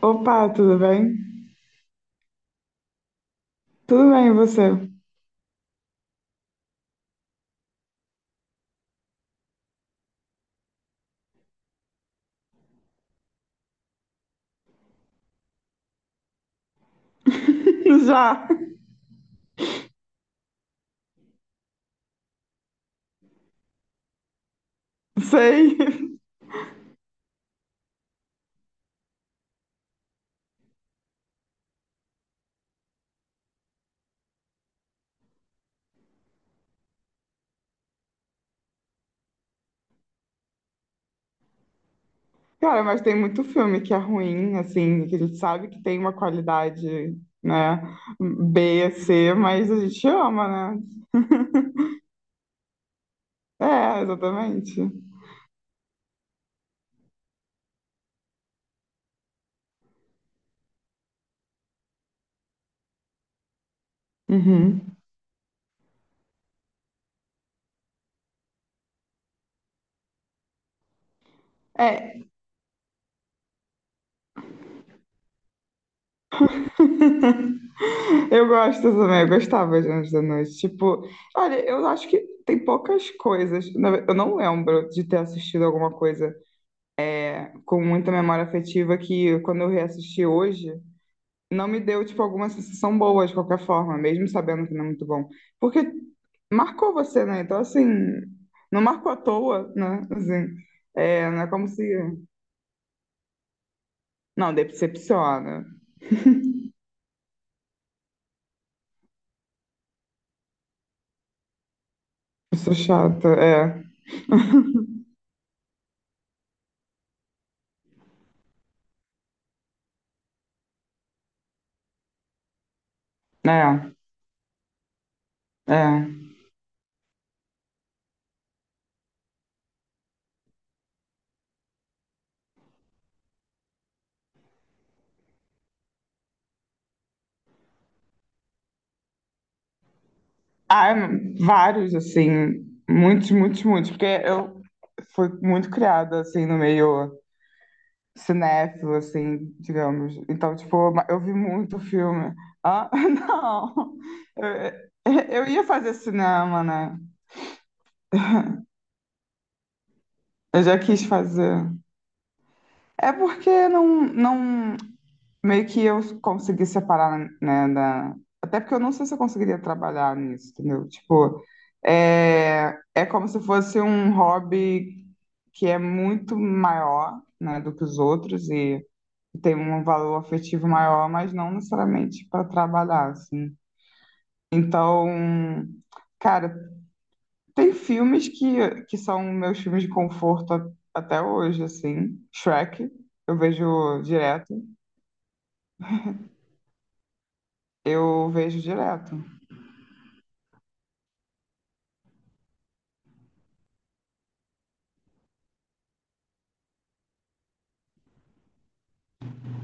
Opa, tudo bem? Tudo bem, e você? Já, sei. Cara, mas tem muito filme que é ruim, assim, que a gente sabe que tem uma qualidade, né, B, C, mas a gente ama, né? É, exatamente. Uhum. É, eu gosto também, eu gostava de Anjos da Noite. Tipo, olha, eu acho que tem poucas coisas. Eu não lembro de ter assistido alguma coisa com muita memória afetiva que quando eu reassisti hoje. Não me deu, tipo, alguma sensação boa de qualquer forma, mesmo sabendo que não é muito bom. Porque marcou você, né? Então, assim, não marcou à toa, né? Assim, é, não é como se. Não, decepciona. Eu sou chata, é. É, é. Ah, é, vários, assim, muitos, muitos, muitos, porque eu fui muito criada, assim, no meio cinéfilo, assim, digamos. Então, tipo, eu vi muito filme. Ah, não! Eu ia fazer cinema, né? Eu já quis fazer. É porque não, não. Meio que eu consegui separar, né? Da. Até porque eu não sei se eu conseguiria trabalhar nisso, entendeu? Tipo, é como se fosse um hobby que é muito maior, né, do que os outros e. Tem um valor afetivo maior, mas não necessariamente para trabalhar, assim. Então, cara, tem filmes que são meus filmes de conforto até hoje, assim. Shrek, eu vejo direto. Eu vejo direto.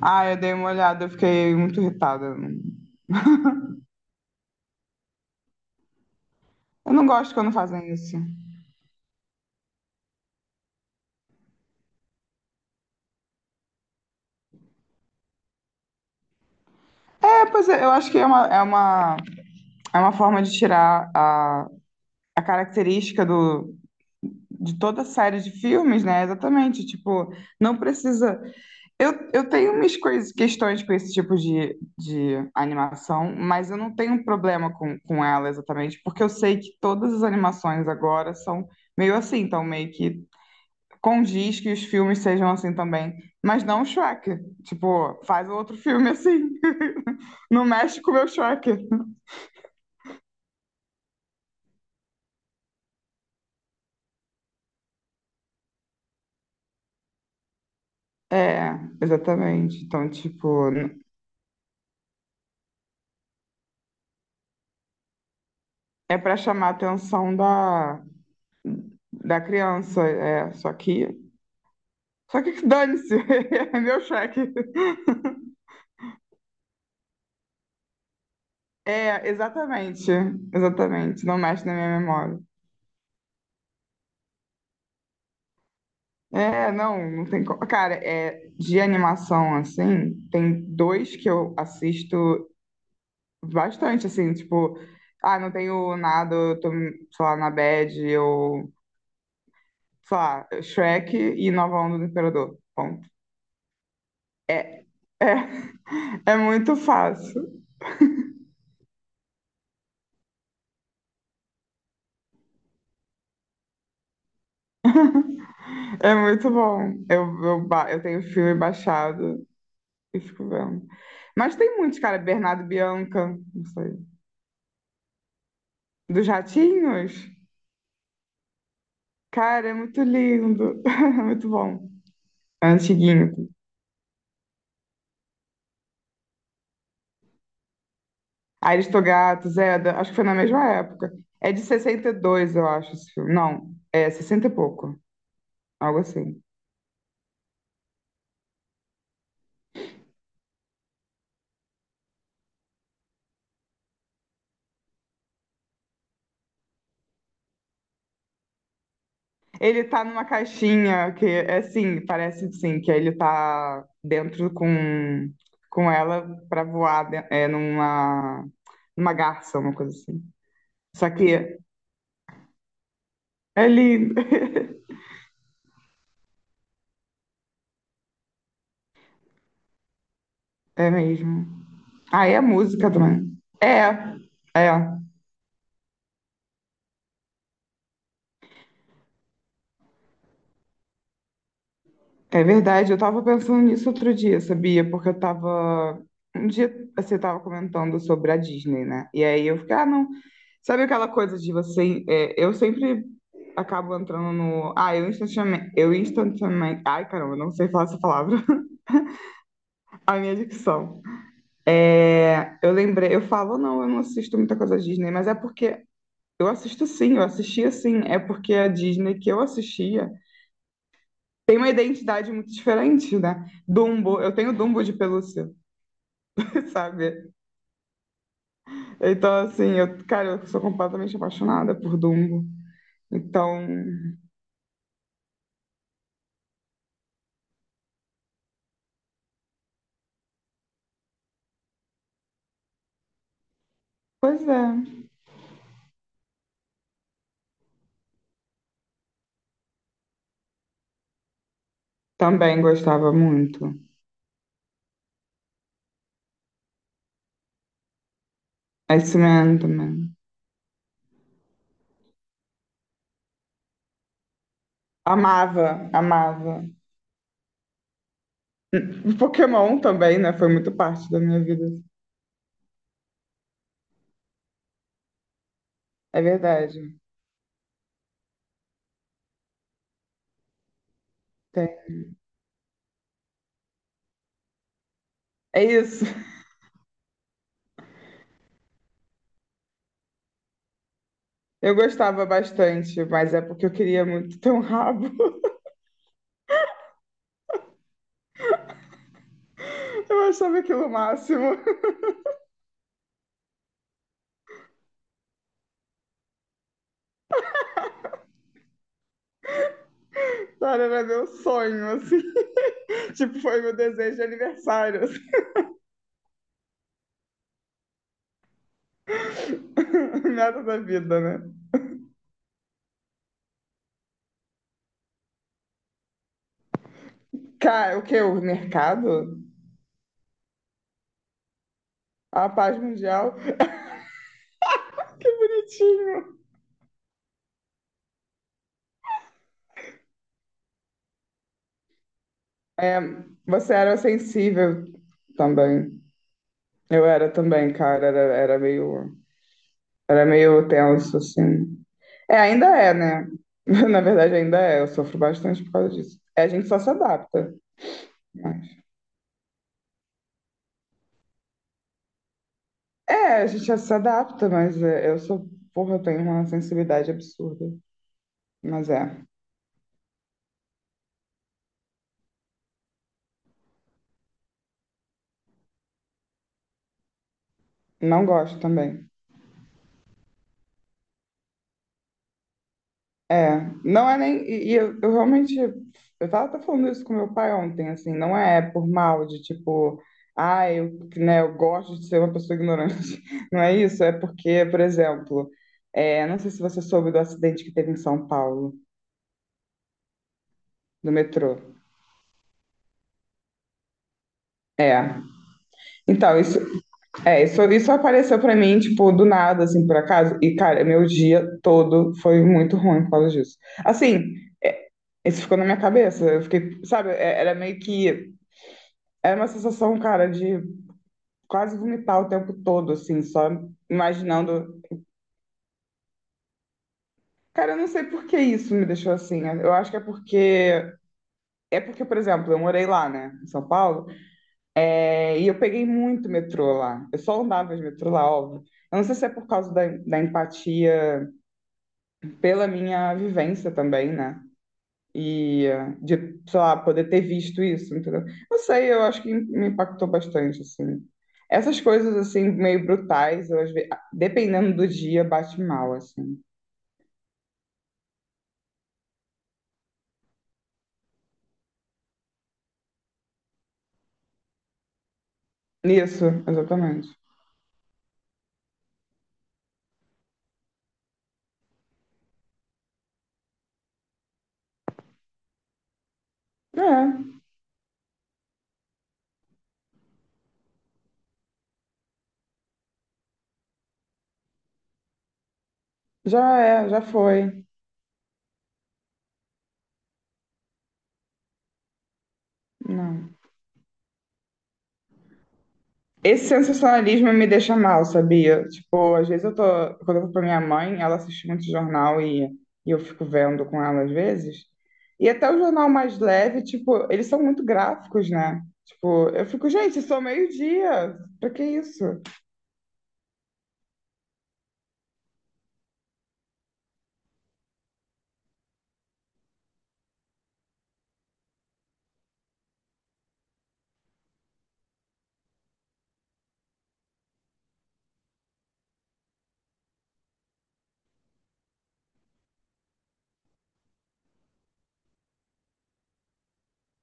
Ah, eu dei uma olhada, eu fiquei muito irritada. Eu não gosto quando fazem isso. É, pois é, eu acho que é uma forma de tirar a característica do, de toda a série de filmes, né? Exatamente. Tipo, não precisa. Eu tenho umas coisas, questões com esse tipo de animação, mas eu não tenho um problema com ela exatamente, porque eu sei que todas as animações agora são meio assim, então meio que condiz que os filmes sejam assim também. Mas não o Shrek. Tipo, faz outro filme assim. Não mexe com o meu Shrek. É, exatamente. Então, tipo, é pra chamar a atenção da criança. É, só que. Só que dane-se, é meu Shrek. É, exatamente, exatamente, não mexe na minha memória. É, não, não tem como. Cara, é, de animação, assim, tem dois que eu assisto bastante, assim, tipo, ah, não tenho nada, eu tô, sei lá, na bad, eu, sei lá, Shrek e Nova Onda do Imperador, ponto. É, é, é muito fácil, é muito bom. Eu tenho o filme baixado e fico vendo. Mas tem muitos, cara, Bernardo e Bianca, não sei. Dos ratinhos? Cara, é muito lindo. É muito bom. É antiguinho. Aristogato, Zeda, acho que foi na mesma época. É de 62, eu acho, esse filme. Não, é 60 e pouco, algo assim. Ele tá numa caixinha que é assim, parece sim, que ele tá dentro com ela pra voar numa garça, uma coisa assim. Só que é lindo, é mesmo. Ah, e a música também. É, é. É verdade, eu tava pensando nisso outro dia, sabia? Porque eu tava. Um dia você tava comentando sobre a Disney, né? E aí eu fiquei, ah, não. Sabe aquela coisa de você. Eu sempre acabo entrando no. Ah, eu instantaneamente. Eu instantaneamente. Ai, caramba, eu não sei falar essa palavra. A minha dicção. É, eu lembrei, eu falo, não, eu não assisto muita coisa Disney, mas é porque. Eu assisto sim, eu assistia sim. É porque a Disney que eu assistia tem uma identidade muito diferente, né? Dumbo, eu tenho Dumbo de pelúcia. sabe? Então, assim, eu, cara, eu sou completamente apaixonada por Dumbo. Então, pois é. Também gostava muito. X-Men também. Amava, amava. Pokémon também, né? Foi muito parte da minha vida. É verdade. Tem. É isso. Eu gostava bastante, mas é porque eu queria muito ter um rabo. Eu achava aquilo o máximo. Cara, era meu sonho, assim. Tipo, foi meu desejo de aniversário, assim. Nada da vida, né? Cara, o que? O mercado? A paz mundial? Que bonitinho. É, você era sensível também. Eu era também, cara. Era meio tenso, assim. É, ainda é, né? Na verdade, ainda é. Eu sofro bastante por causa disso. É, a gente só se adapta. Mas. É, a gente já se adapta, mas é, eu sou. Porra, eu tenho uma sensibilidade absurda. Mas é. Não gosto também. É, não é nem. E eu realmente. Eu tava até falando isso com meu pai ontem, assim, não é por mal de tipo. Ah, eu, né, eu gosto de ser uma pessoa ignorante. Não é isso, é porque, por exemplo, não sei se você soube do acidente que teve em São Paulo, do metrô. É. Então, isso apareceu pra mim, tipo, do nada, assim, por acaso. E, cara, meu dia todo foi muito ruim por causa disso. Assim, é, isso ficou na minha cabeça. Eu fiquei, sabe, era meio que. Era uma sensação, cara, de quase vomitar o tempo todo, assim, só imaginando. Cara, eu não sei por que isso me deixou assim. Eu acho que é porque. É porque, por exemplo, eu morei lá, né, em São Paulo, e eu peguei muito metrô lá. Eu só andava de metrô lá, óbvio. Eu não sei se é por causa da, empatia pela minha vivência também, né? E de, sei lá, poder ter visto isso, entendeu? Não sei, eu acho que me impactou bastante, assim. Essas coisas, assim, meio brutais, eu, dependendo do dia, bate mal, assim. Isso, exatamente. É, é, já foi. Não. Esse sensacionalismo me deixa mal, sabia? Tipo, às vezes eu tô. Quando eu vou pra minha mãe, ela assiste muito jornal e eu fico vendo com ela às vezes. E até o jornal mais leve, tipo, eles são muito gráficos, né? Tipo, eu fico, gente, sou meio-dia. Pra que isso?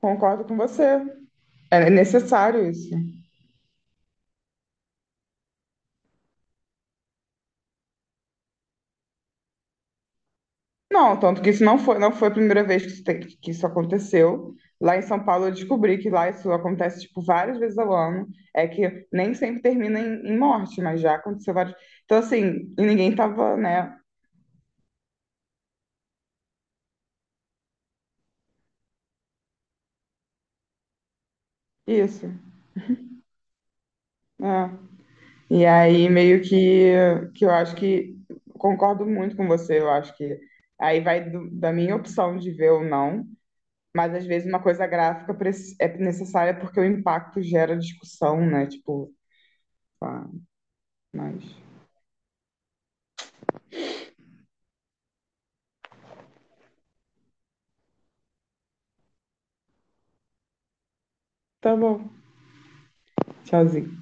Concordo com você. É necessário isso. Não, tanto que isso não foi a primeira vez que isso aconteceu. Lá em São Paulo eu descobri que lá isso acontece, tipo, várias vezes ao ano. É que nem sempre termina em morte, mas já aconteceu várias. Então, assim, e ninguém tava, né? Isso, né? E aí, meio que eu acho que. Concordo muito com você, eu acho que. Aí vai da minha opção de ver ou não. Mas, às vezes, uma coisa gráfica é necessária porque o impacto gera discussão, né? Tipo, pá, mas. Tá bom. Tchauzinho.